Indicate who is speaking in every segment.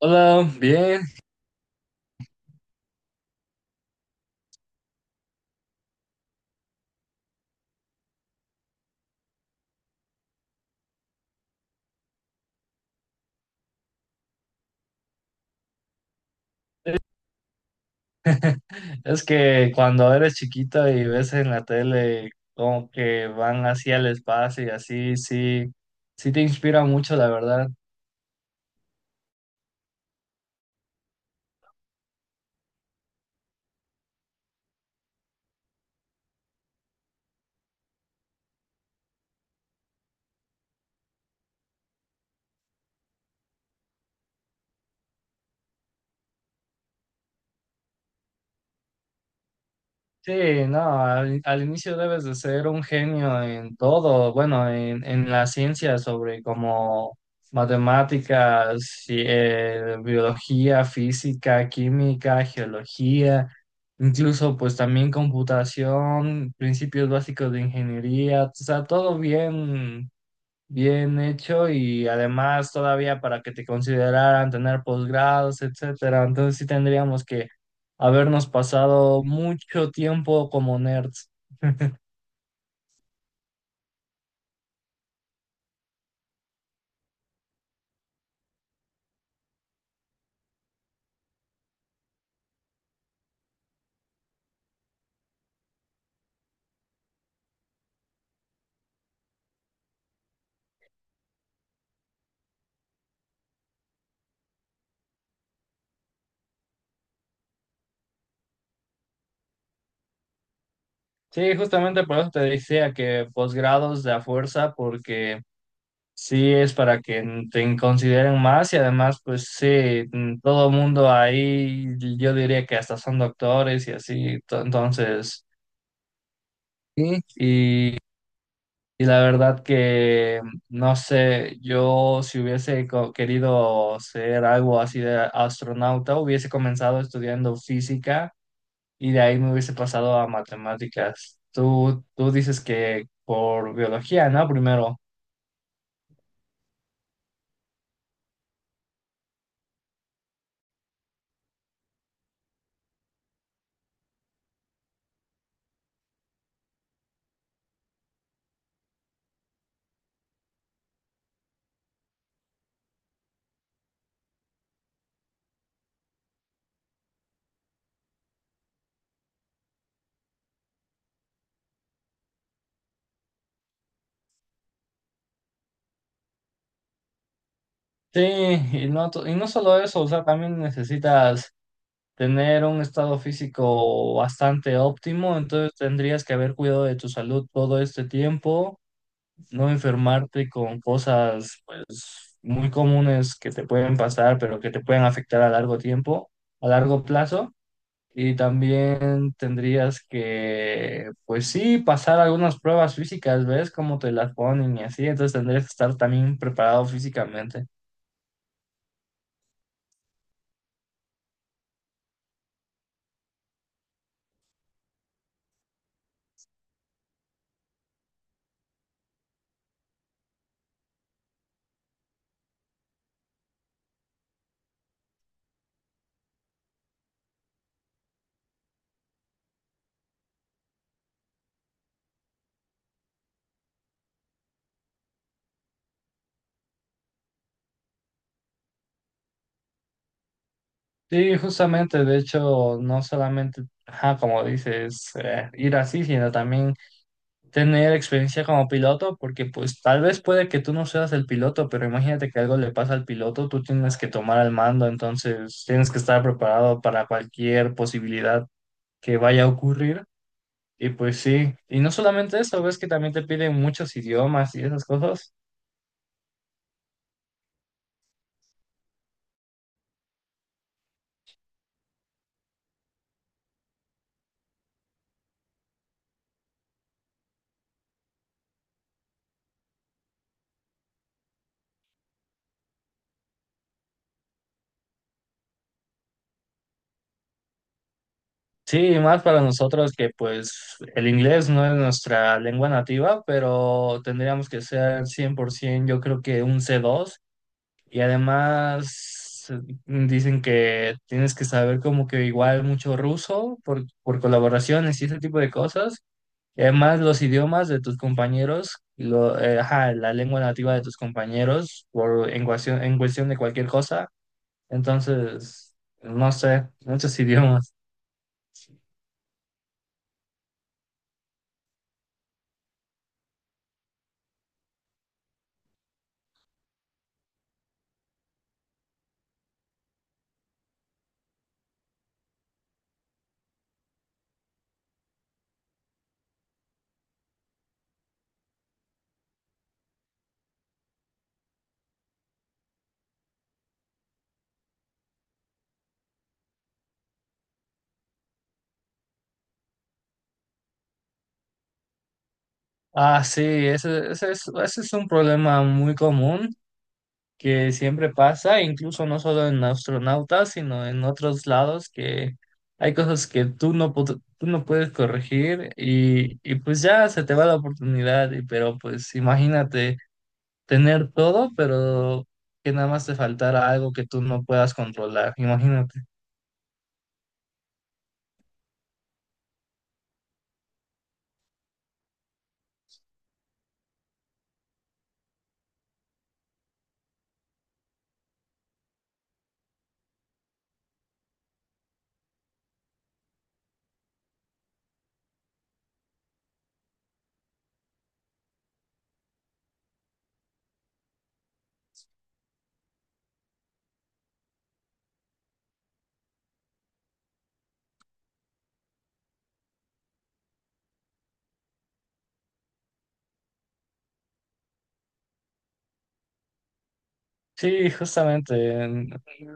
Speaker 1: Hola, bien. Es que cuando eres chiquito y ves en la tele como que van así al espacio y así, sí, sí te inspira mucho, la verdad. Sí, no, al inicio debes de ser un genio en todo, bueno, en la ciencia sobre como matemáticas, biología, física, química, geología, incluso pues también computación, principios básicos de ingeniería, o sea, todo bien bien hecho. Y además todavía para que te consideraran tener posgrados, etcétera. Entonces sí tendríamos que habernos pasado mucho tiempo como nerds. Sí, justamente por eso te decía que posgrados de a fuerza, porque sí es para que te consideren más. Y además pues sí, todo mundo ahí yo diría que hasta son doctores y así. Entonces, sí, y la verdad que, no sé, yo si querido ser algo así de astronauta, hubiese comenzado estudiando física y de ahí me hubiese pasado a matemáticas. Tú dices que por biología, ¿no? Primero. Sí, y no, y no solo eso, o sea, también necesitas tener un estado físico bastante óptimo. Entonces tendrías que haber cuidado de tu salud todo este tiempo, no enfermarte con cosas muy comunes que te pueden pasar, pero que te pueden afectar a largo tiempo, a largo plazo. Y también tendrías que, pues sí, pasar algunas pruebas físicas, ¿ves? Cómo te las ponen y así. Entonces tendrías que estar también preparado físicamente. Sí, justamente, de hecho, no solamente, ajá, como dices, ir así, sino también tener experiencia como piloto, porque pues tal vez puede que tú no seas el piloto, pero imagínate que algo le pasa al piloto, tú tienes que tomar el mando. Entonces tienes que estar preparado para cualquier posibilidad que vaya a ocurrir. Y pues sí, y no solamente eso, ves que también te piden muchos idiomas y esas cosas. Sí, y más para nosotros que pues el inglés no es nuestra lengua nativa, pero tendríamos que ser 100%, yo creo que un c dos. Y además dicen que tienes que saber como que igual mucho ruso por colaboraciones y ese tipo de cosas. Y además los idiomas de tus compañeros, ajá, la lengua nativa de tus compañeros por, en cuestión de cualquier cosa. Entonces, no sé, muchos idiomas. Ah, sí, ese es un problema muy común que siempre pasa, incluso no solo en astronautas, sino en otros lados, que hay cosas que tú no puedes corregir y pues ya se te va la oportunidad. Y pero pues imagínate tener todo, pero que nada más te faltara algo que tú no puedas controlar, imagínate. Sí, justamente,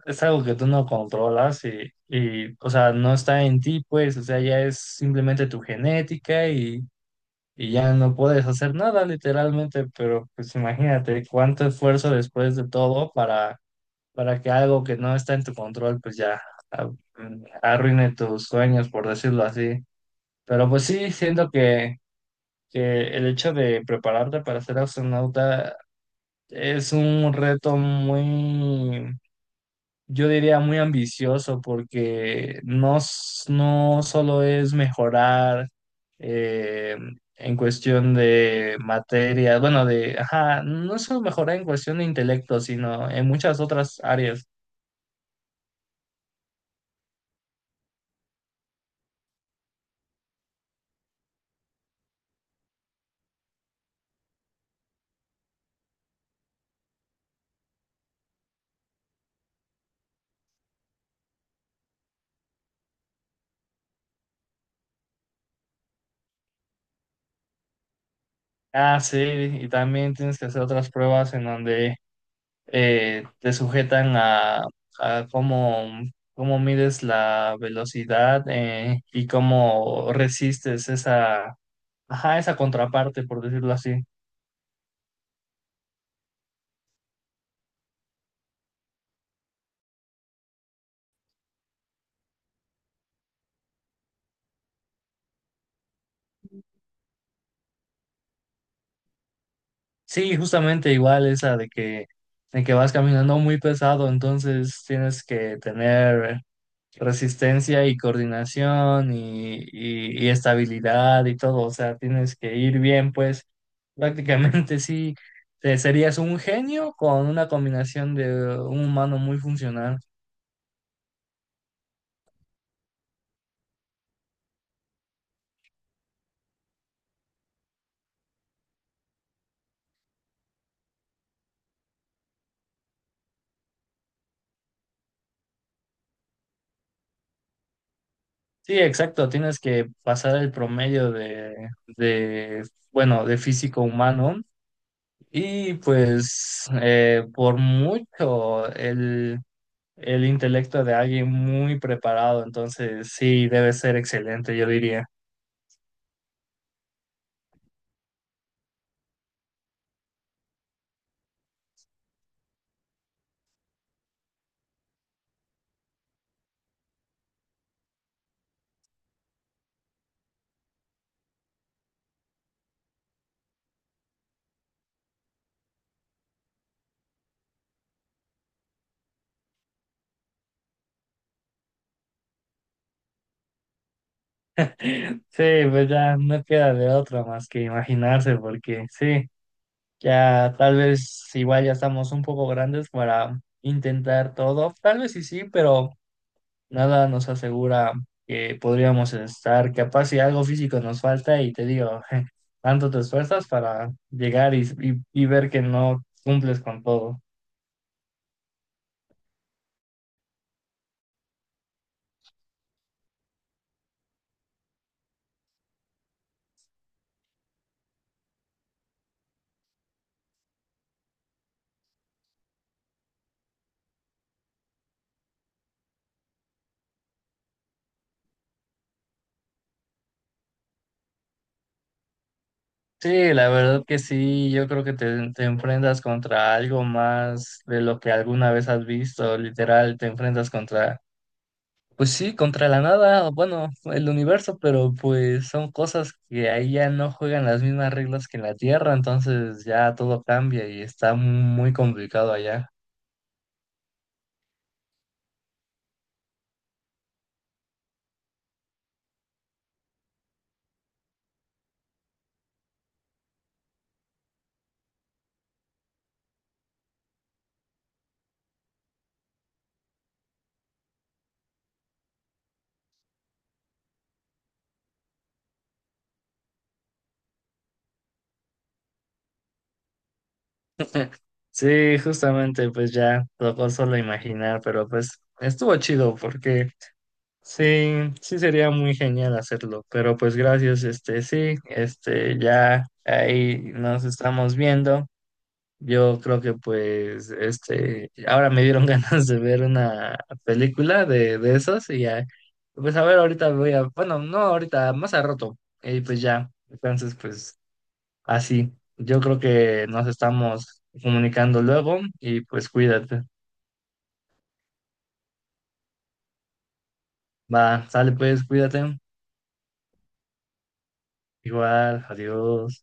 Speaker 1: es algo que tú no controlas y, o sea, no está en ti, pues, o sea, ya es simplemente tu genética y ya no puedes hacer nada literalmente. Pero pues imagínate cuánto esfuerzo después de todo para que algo que no está en tu control pues ya a- arruine tus sueños, por decirlo así. Pero pues sí, siento que el hecho de prepararte para ser astronauta es un reto muy, yo diría muy ambicioso, porque no, no solo es mejorar eh, en cuestión de materia, bueno, de, ajá, no es solo mejorar en cuestión de intelecto, sino en muchas otras áreas. Ah, sí, y también tienes que hacer otras pruebas en donde te sujetan a cómo, cómo mides la velocidad y cómo resistes esa, ajá, esa contraparte, por decirlo así. Sí, justamente igual esa de que vas caminando muy pesado. Entonces tienes que tener resistencia y coordinación y, y estabilidad y todo, o sea, tienes que ir bien, pues prácticamente sí, serías un genio con una combinación de un humano muy funcional. Sí, exacto, tienes que pasar el promedio de, bueno, de físico humano. Y pues por mucho el intelecto de alguien muy preparado. Entonces sí, debe ser excelente, yo diría. Sí, pues ya no queda de otra más que imaginarse, porque sí, ya tal vez igual ya estamos un poco grandes para intentar todo, tal vez sí, sí, pero… nada nos asegura que podríamos estar, capaz si algo físico nos falta. Y te digo, tanto te esfuerzas para llegar y, y ver que no cumples con todo. Sí, la verdad que sí, yo creo que te enfrentas contra algo más de lo que alguna vez has visto, literal, te enfrentas contra, pues sí, contra la nada, bueno, el universo, pero pues son cosas que ahí ya no juegan las mismas reglas que en la Tierra. Entonces ya todo cambia y está muy complicado allá. Sí, justamente, pues ya tocó solo imaginar, pero pues estuvo chido porque sí, sí sería muy genial hacerlo. Pero pues gracias, este, sí, este, ya ahí nos estamos viendo. Yo creo que pues, este, ahora me dieron ganas de ver una película de esos y ya, pues a ver, ahorita voy a, bueno, no ahorita, más a rato, y pues ya, entonces pues… así, yo creo que nos estamos comunicando luego y pues cuídate. Va, sale pues, cuídate. Igual, adiós.